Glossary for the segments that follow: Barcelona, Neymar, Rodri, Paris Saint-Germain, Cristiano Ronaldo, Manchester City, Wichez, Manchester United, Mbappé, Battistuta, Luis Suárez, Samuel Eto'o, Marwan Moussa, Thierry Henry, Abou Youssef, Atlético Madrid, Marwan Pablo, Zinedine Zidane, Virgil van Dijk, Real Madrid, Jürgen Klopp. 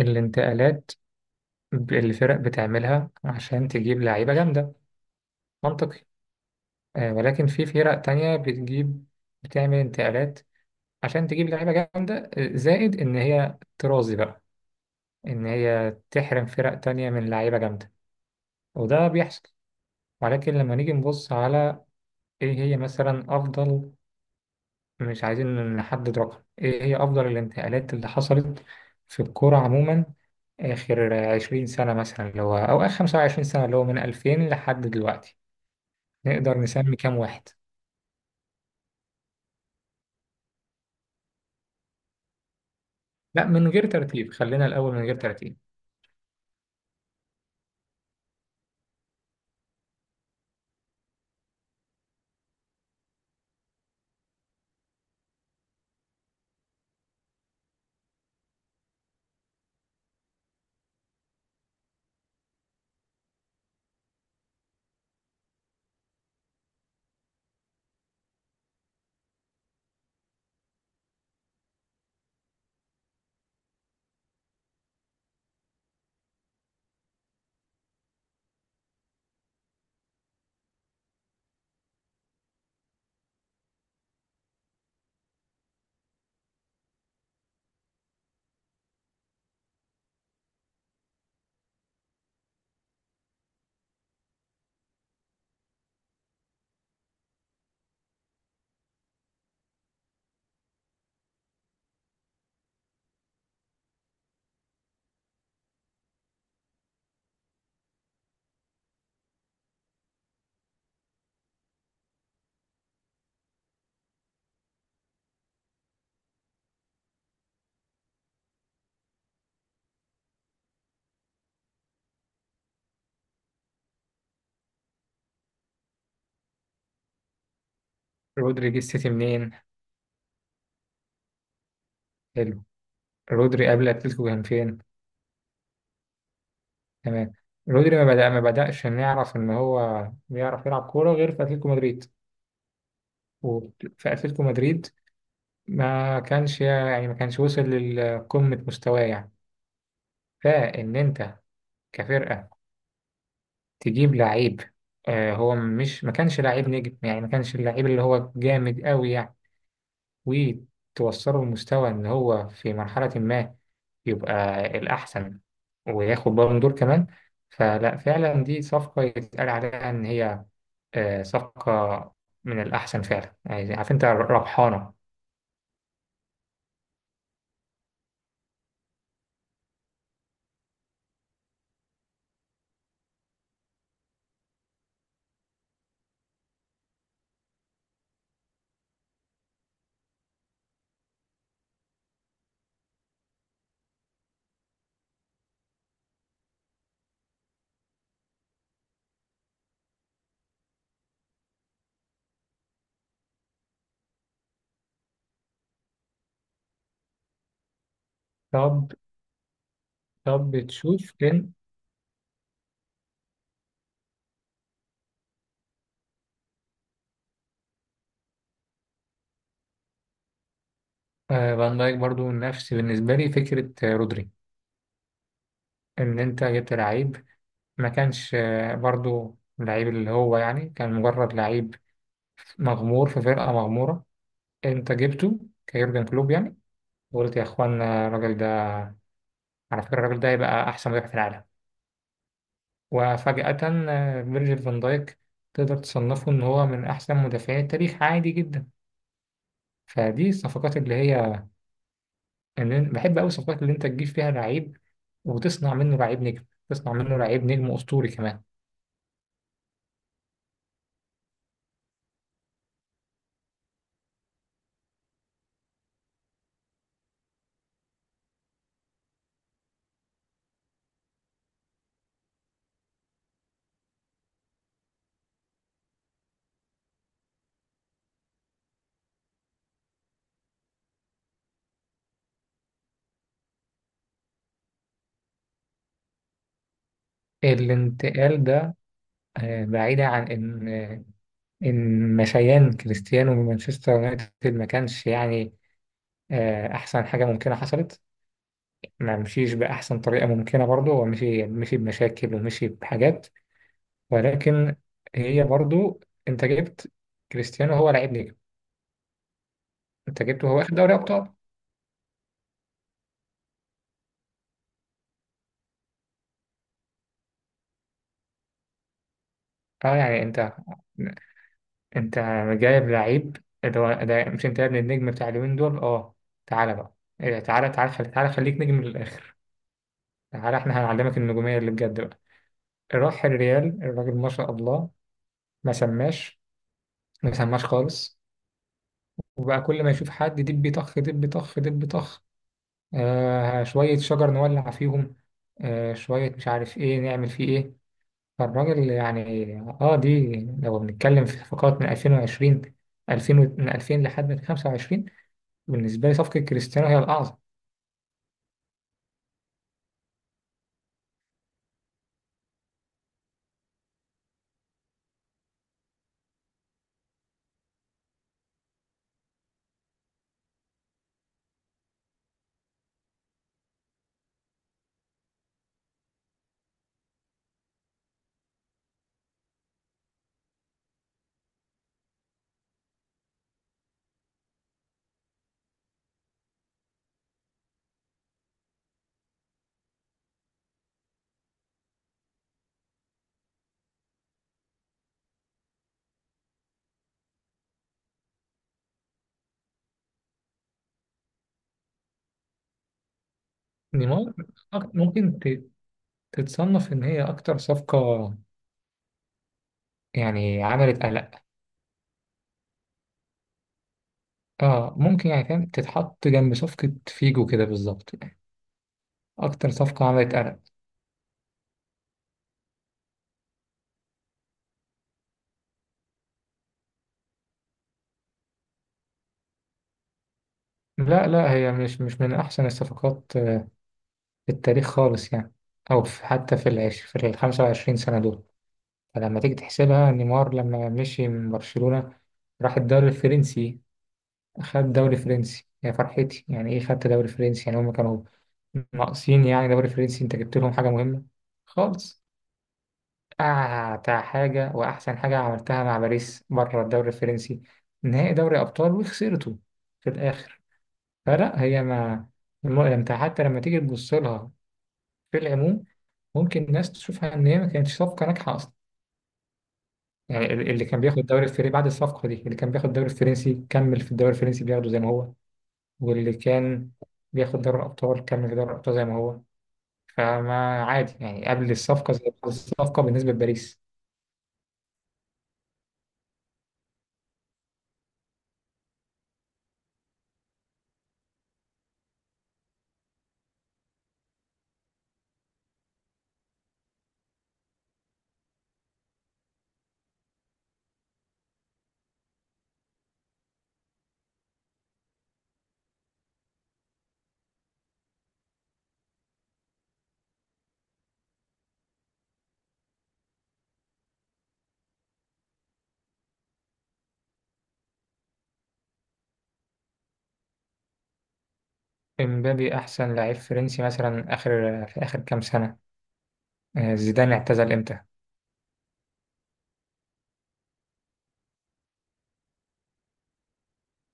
الانتقالات الفرق بتعملها عشان تجيب لعيبة جامدة. منطقي. ولكن في فرق تانية بتجيب بتعمل انتقالات عشان تجيب لعيبة جامدة، زائد إن هي ترازي بقى، إن هي تحرم فرق تانية من لعيبة جامدة. وده بيحصل، ولكن لما نيجي نبص على إيه هي مثلا أفضل، مش عايزين نحدد رقم، ايه هي افضل الانتقالات اللي حصلت في الكورة عموما اخر 20 سنة مثلا، اللي هو او اخر 25 سنة، اللي هو من 2000 لحد دلوقتي، نقدر نسمي كام واحد؟ لا، من غير ترتيب، خلينا الاول من غير ترتيب. رودري جه السيتي منين؟ حلو. رودري قبل اتلتيكو كان فين؟ تمام. رودري ما بدأش نعرف ان هو بيعرف يلعب كورة غير في اتلتيكو مدريد. وفي اتلتيكو مدريد ما كانش يعني ما كانش وصل لقمة مستواه يعني. فان انت كفرقه تجيب لعيب، آه هو مش ما كانش لعيب نجم يعني، ما كانش اللعيب اللي هو جامد قوي يعني، وتوصله لمستوى ان هو في مرحله ما يبقى الاحسن وياخد بالون دور كمان. فلا فعلا دي صفقه يتقال عليها ان هي صفقة من الأحسن فعلا يعني، عارف أنت ربحانة. طب، طب تشوف فين. فان دايك برضو نفس بالنسبة لي فكرة رودري، إن أنت جبت لعيب ما كانش برضو لعيب، اللي هو يعني كان مجرد لعيب مغمور في فرقة مغمورة. انت جبته كيورجن كلوب يعني، وقلت يا اخوانا الراجل ده، على فكرة الراجل ده هيبقى احسن مدافع في العالم. وفجأة فيرجيل فان دايك تقدر تصنفه ان هو من احسن مدافعين التاريخ عادي جدا. فدي الصفقات اللي هي اللي بحب قوي، الصفقات اللي انت تجيب فيها لعيب وتصنع منه لعيب نجم، تصنع منه لعيب نجم اسطوري كمان. الانتقال ده، بعيدا عن ان آه، إن مشيان كريستيانو من مانشستر يونايتد ما كانش يعني أحسن حاجة ممكنة حصلت، ما مشيش بأحسن طريقة ممكنة برضه، هو مشي بمشاكل ومشي بحاجات، ولكن هي برضه، أنت جبت كريستيانو، هو لعيب نجم، أنت جبته هو واخد دوري أبطال. أه يعني أنت، أنت جايب لعيب، اللي هو ده مش أنت يا ابن النجم بتاع اليومين دول أه. تعالى بقى، إيه، تعالى تعالى تعالى خليك نجم للآخر. تعالى إحنا هنعلمك النجومية اللي بجد بقى. راح الريال الراجل ما شاء الله، ما سماش، ما سماش خالص. وبقى كل ما يشوف حد دب طخ دب طخ دب طخ، آه شوية شجر نولع فيهم، آه شوية مش عارف ايه نعمل فيه ايه. فالراجل يعني، اه دي، لو بنتكلم في صفقات من 2020، 2000 من 2000 لحد 25، بالنسبة لي صفقة كريستيانو هي الأعظم. نيمار، ممكن تتصنف إن هي أكتر صفقة يعني عملت قلق. اه ممكن، يعني فاهم، تتحط جنب صفقة فيجو كده بالظبط، أكتر صفقة عملت قلق. لا لا، هي مش من أحسن الصفقات في التاريخ خالص يعني، أو في حتى في 25 سنة دول. فلما تيجي تحسبها، نيمار لما مشي من برشلونة راح الدوري الفرنسي، خد دوري فرنسي يا فرحتي، يعني إيه خدت دوري فرنسي؟ يعني هما كانوا ناقصين يعني دوري فرنسي، أنت جبت لهم حاجة مهمة خالص. أعتى حاجة وأحسن حاجة عملتها مع باريس بره الدوري الفرنسي، نهائي دوري أبطال وخسرته في الآخر. فلا هي ما، انت حتى لما تيجي تبص لها في العموم، ممكن الناس تشوفها ان هي ما كانتش صفقه ناجحه اصلا. يعني اللي كان بياخد الدوري الفرنسي بعد الصفقه دي اللي كان بياخد الدوري الفرنسي كمل في الدوري الفرنسي بياخده زي ما هو، واللي كان بياخد دوري الابطال كمل في دوري الابطال زي ما هو. فما عادي يعني، قبل الصفقه زي بعد الصفقه بالنسبه لباريس. امبابي احسن لعيب فرنسي مثلا اخر، في اخر كام سنه. زيدان اعتزل امتى؟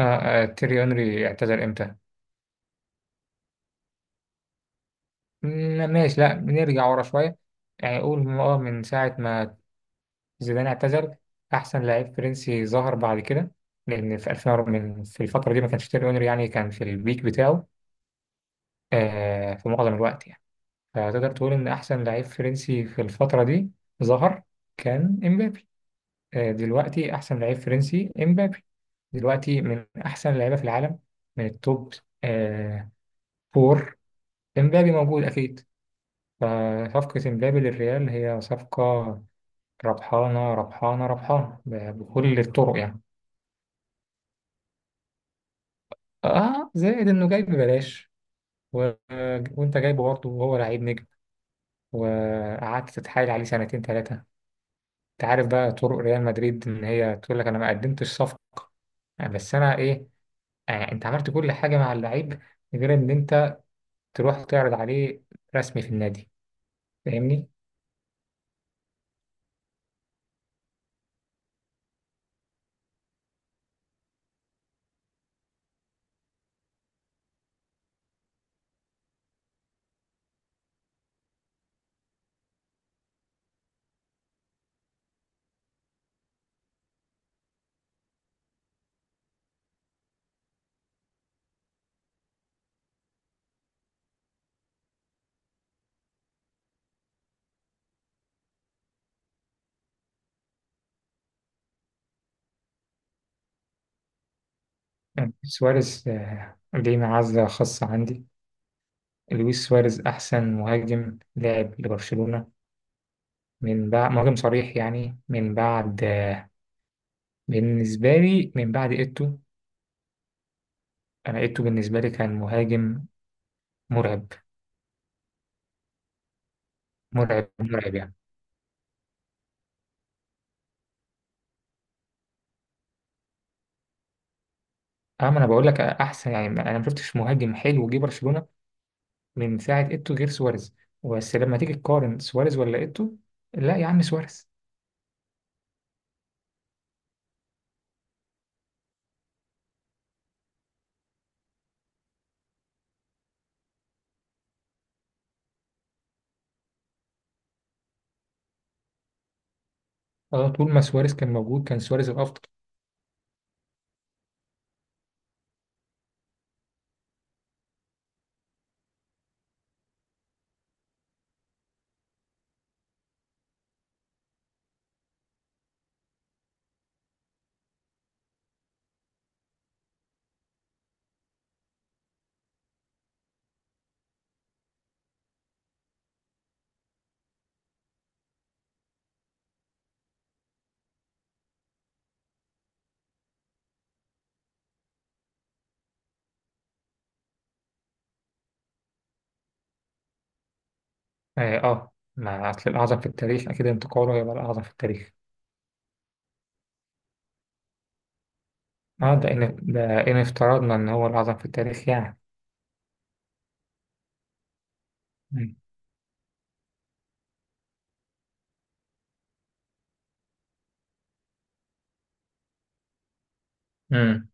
تيري اونري اعتزل امتى؟ ماشي، لا بنرجع ورا شوية يعني، قول، من ساعة ما زيدان اعتزل، أحسن لعيب فرنسي ظهر بعد كده، لأن في 2000، في الفترة دي ما كانش تيري أونري يعني، كان في البيك بتاعه في معظم الوقت يعني. فتقدر تقول إن أحسن لعيب فرنسي في الفترة دي ظهر، كان إمبابي. آه، دلوقتي أحسن لعيب فرنسي إمبابي، دلوقتي من أحسن اللعيبة في العالم، من التوب آه فور، إمبابي موجود أكيد. فصفقة إمبابي للريال هي صفقة ربحانة ربحانة ربحانة، بكل الطرق يعني. اه زائد انه جاي ببلاش، و... وانت جايبه برضه وهو لعيب نجم، وقعدت تتحايل عليه سنتين ثلاثة. انت عارف بقى طرق ريال مدريد ان هي تقول لك انا ما قدمتش صفقة، بس انا ايه؟ آه انت عملت كل حاجة مع اللعيب غير ان انت تروح تعرض عليه رسمي في النادي. فاهمني. سواريز، ليه معزة خاصة عندي. لويس سواريز احسن مهاجم لاعب لبرشلونة من بعد مهاجم صريح يعني، من بعد بالنسبة لي من بعد إيتو. أنا إيتو بالنسبة لي كان مهاجم مرعب، مرعب مرعب يعني. أما أنا بقول لك أحسن يعني، أنا ما شفتش مهاجم حلو جه برشلونة من ساعة إيتو غير سواريز. بس لما تيجي تقارن سواريز ولا إيتو، لا يا عم سواريز. أه طول ما سواريز كان موجود كان سواريز الأفضل. أه, آه، ما أصل الأعظم في التاريخ أكيد انتقاله هيبقى الأعظم في التاريخ. أه ده إن ده إن افترضنا إن هو الأعظم في التاريخ يعني. مم.